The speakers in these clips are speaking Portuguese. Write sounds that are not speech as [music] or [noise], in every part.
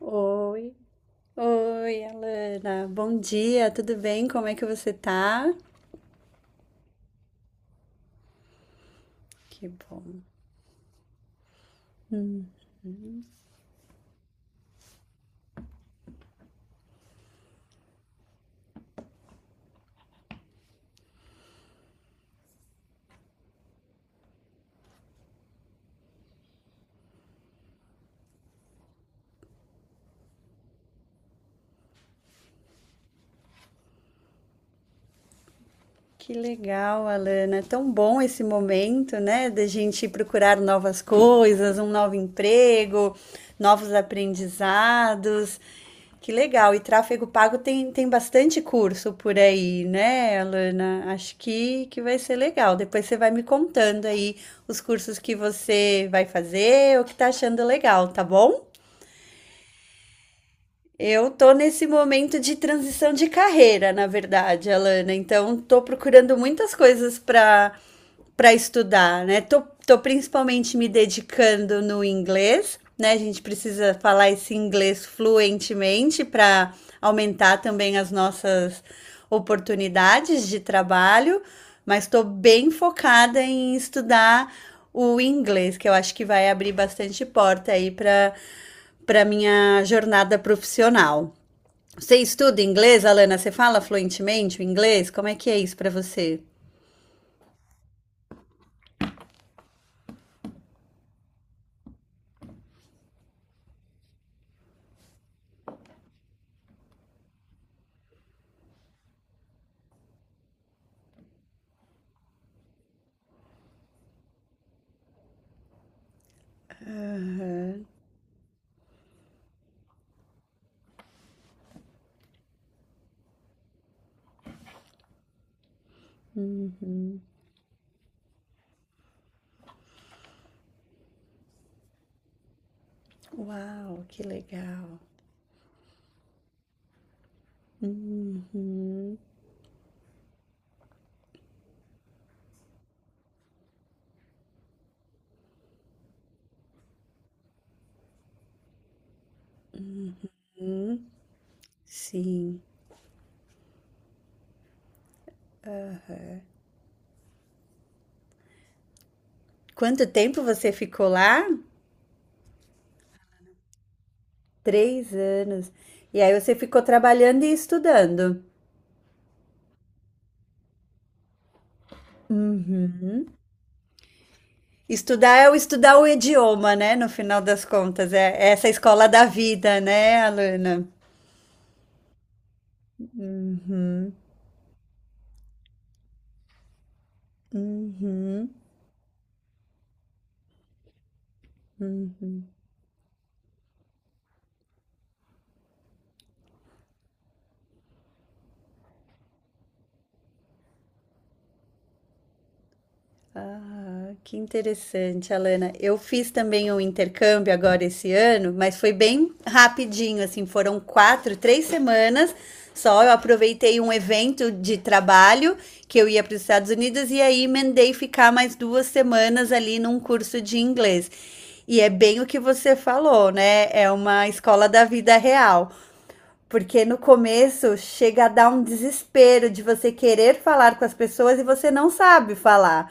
Oi, Alana. Bom dia, tudo bem? Como é que você tá? Que bom. Que legal, Alana. É tão bom esse momento, né, da gente procurar novas coisas, um novo emprego, novos aprendizados. Que legal. E tráfego pago tem bastante curso por aí, né, Alana? Acho que vai ser legal. Depois você vai me contando aí os cursos que você vai fazer, o que tá achando legal, tá bom? Eu tô nesse momento de transição de carreira, na verdade, Alana. Então, tô procurando muitas coisas para estudar, né? Tô principalmente me dedicando no inglês, né? A gente precisa falar esse inglês fluentemente para aumentar também as nossas oportunidades de trabalho, mas estou bem focada em estudar o inglês, que eu acho que vai abrir bastante porta aí para minha jornada profissional. Você estuda inglês, Alana? Você fala fluentemente o inglês? Como é que é isso para você? Uau, que legal. Uhum, sim. Quanto tempo você ficou lá? Três anos. E aí você ficou trabalhando e estudando. Uhum. Estudar é o estudar o idioma, né? No final das contas, é essa escola da vida, né, Alana? Uhum, uhum. Ah, que interessante, Alana. Eu fiz também um intercâmbio agora esse ano, mas foi bem rapidinho, assim, foram quatro, três semanas só. Eu aproveitei um evento de trabalho que eu ia para os Estados Unidos e aí emendei ficar mais duas semanas ali num curso de inglês. E é bem o que você falou, né? É uma escola da vida real. Porque no começo chega a dar um desespero de você querer falar com as pessoas e você não sabe falar.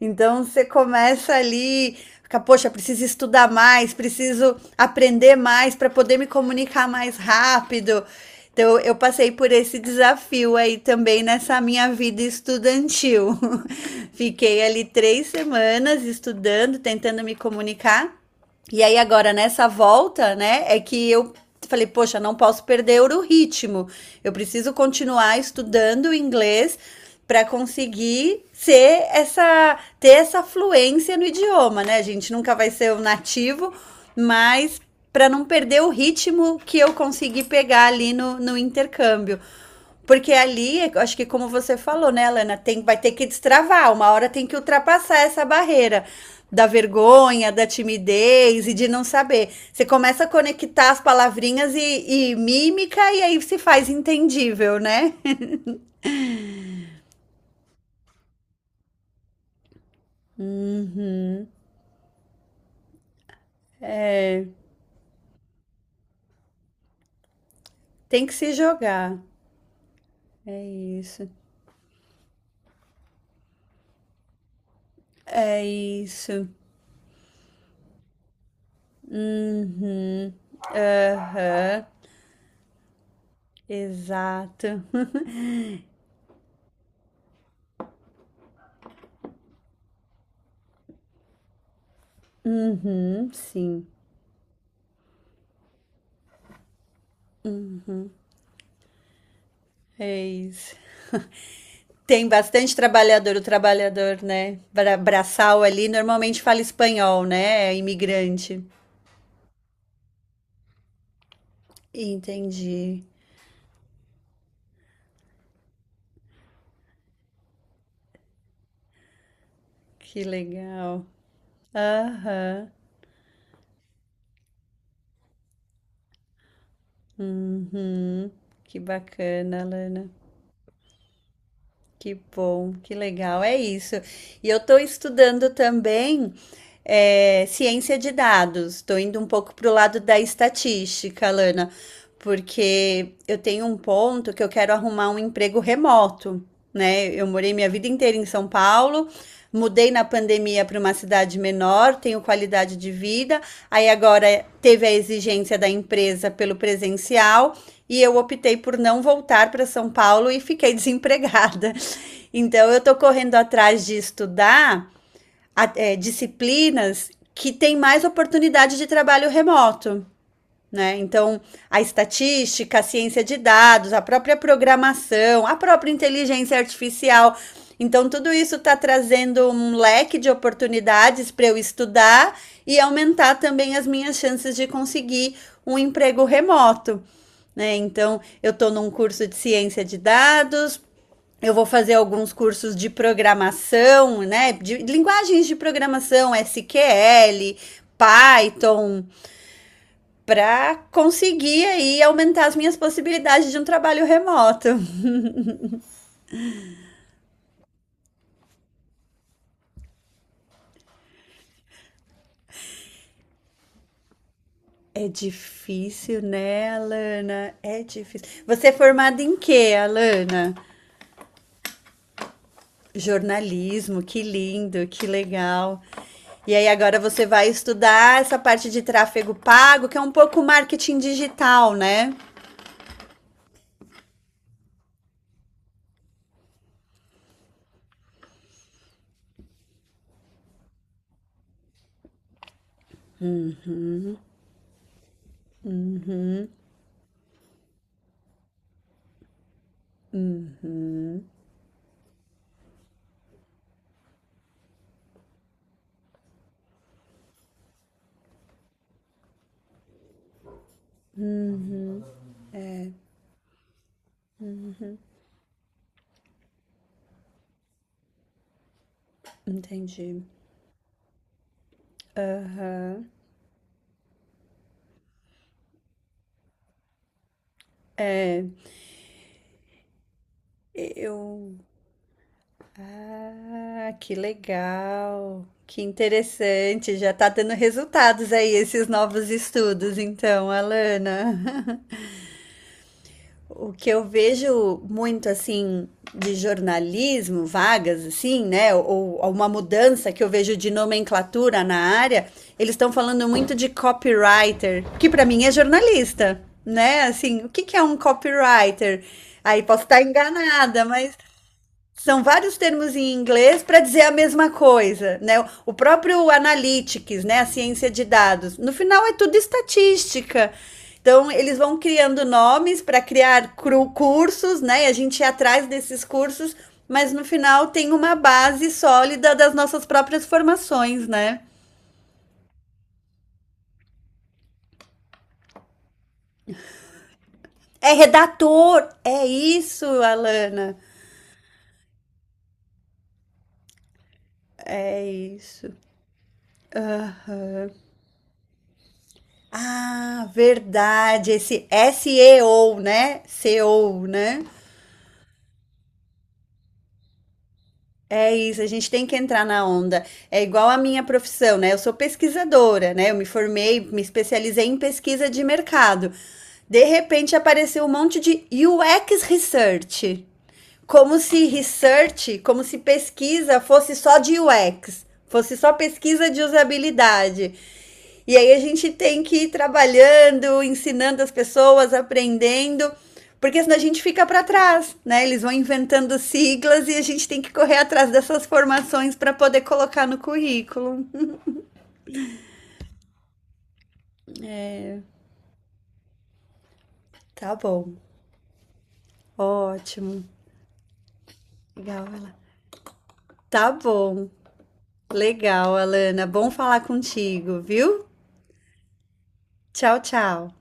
Então você começa ali, fica, poxa, preciso estudar mais, preciso aprender mais para poder me comunicar mais rápido. Então eu passei por esse desafio aí também nessa minha vida estudantil. [laughs] Fiquei ali três semanas estudando, tentando me comunicar. E aí agora nessa volta, né, é que eu falei, poxa, não posso perder o ritmo. Eu preciso continuar estudando inglês para conseguir ser essa ter essa fluência no idioma, né? A gente nunca vai ser o nativo, mas para não perder o ritmo que eu consegui pegar ali no, no intercâmbio. Porque ali, acho que como você falou, né, Lana, tem, vai ter que destravar, uma hora tem que ultrapassar essa barreira da vergonha, da timidez e de não saber. Você começa a conectar as palavrinhas e mímica e aí se faz entendível, né? [laughs] Tem que se jogar. É isso. É isso. Uhum. É, Exato. [laughs] Uhum, sim. É isso. Tem bastante trabalhador, o trabalhador, né? Braçal ali, normalmente fala espanhol, né? É imigrante. Entendi. Que legal. Aham. Uhum. Que bacana, Lana. Que bom, que legal, é isso. E eu estou estudando também ciência de dados, estou indo um pouco para o lado da estatística, Lana, porque eu tenho um ponto que eu quero arrumar um emprego remoto, né? Eu morei minha vida inteira em São Paulo, mudei na pandemia para uma cidade menor, tenho qualidade de vida, aí agora teve a exigência da empresa pelo presencial. E eu optei por não voltar para São Paulo e fiquei [laughs] desempregada. Então eu estou correndo atrás de estudar disciplinas que têm mais oportunidade de trabalho remoto. Né? Então, a estatística, a ciência de dados, a própria programação, a própria inteligência artificial. Então, tudo isso está trazendo um leque de oportunidades para eu estudar e aumentar também as minhas chances de conseguir um emprego remoto. Né? Então, eu estou num curso de ciência de dados, eu vou fazer alguns cursos de programação, né? De linguagens de programação, SQL, Python, para conseguir aí aumentar as minhas possibilidades de um trabalho remoto. É difícil, né, Alana? É difícil. Você é formada em quê, Alana? Jornalismo, que lindo, que legal. E aí agora você vai estudar essa parte de tráfego pago, que é um pouco marketing digital, né? Entendi. Aham. Eu. Ah, que legal. Que interessante. Já está dando resultados aí esses novos estudos, então, Alana. [laughs] O que eu vejo muito assim de jornalismo, vagas assim, né? Ou uma mudança que eu vejo de nomenclatura na área, eles estão falando muito de copywriter, que para mim é jornalista, né? Assim, o que que é um copywriter? Aí posso estar enganada, mas são vários termos em inglês para dizer a mesma coisa, né? O próprio analytics, né, a ciência de dados, no final é tudo estatística. Então, eles vão criando nomes para criar cursos, né? E a gente ia atrás desses cursos, mas no final tem uma base sólida das nossas próprias formações, né? É redator, é isso, Alana. É isso. Uhum. Ah, verdade. Esse SEO, né? SEO, né? É isso, a gente tem que entrar na onda. É igual a minha profissão, né? Eu sou pesquisadora, né? Eu me formei, me especializei em pesquisa de mercado. De repente apareceu um monte de UX Research. Como se research, como se pesquisa fosse só de UX, fosse só pesquisa de usabilidade. E aí a gente tem que ir trabalhando, ensinando as pessoas, aprendendo, porque senão a gente fica para trás, né? Eles vão inventando siglas e a gente tem que correr atrás dessas formações para poder colocar no currículo. Tá bom. Ótimo. Legal, Alana. Tá bom. Legal, Alana. Bom falar contigo, viu? Tchau, tchau.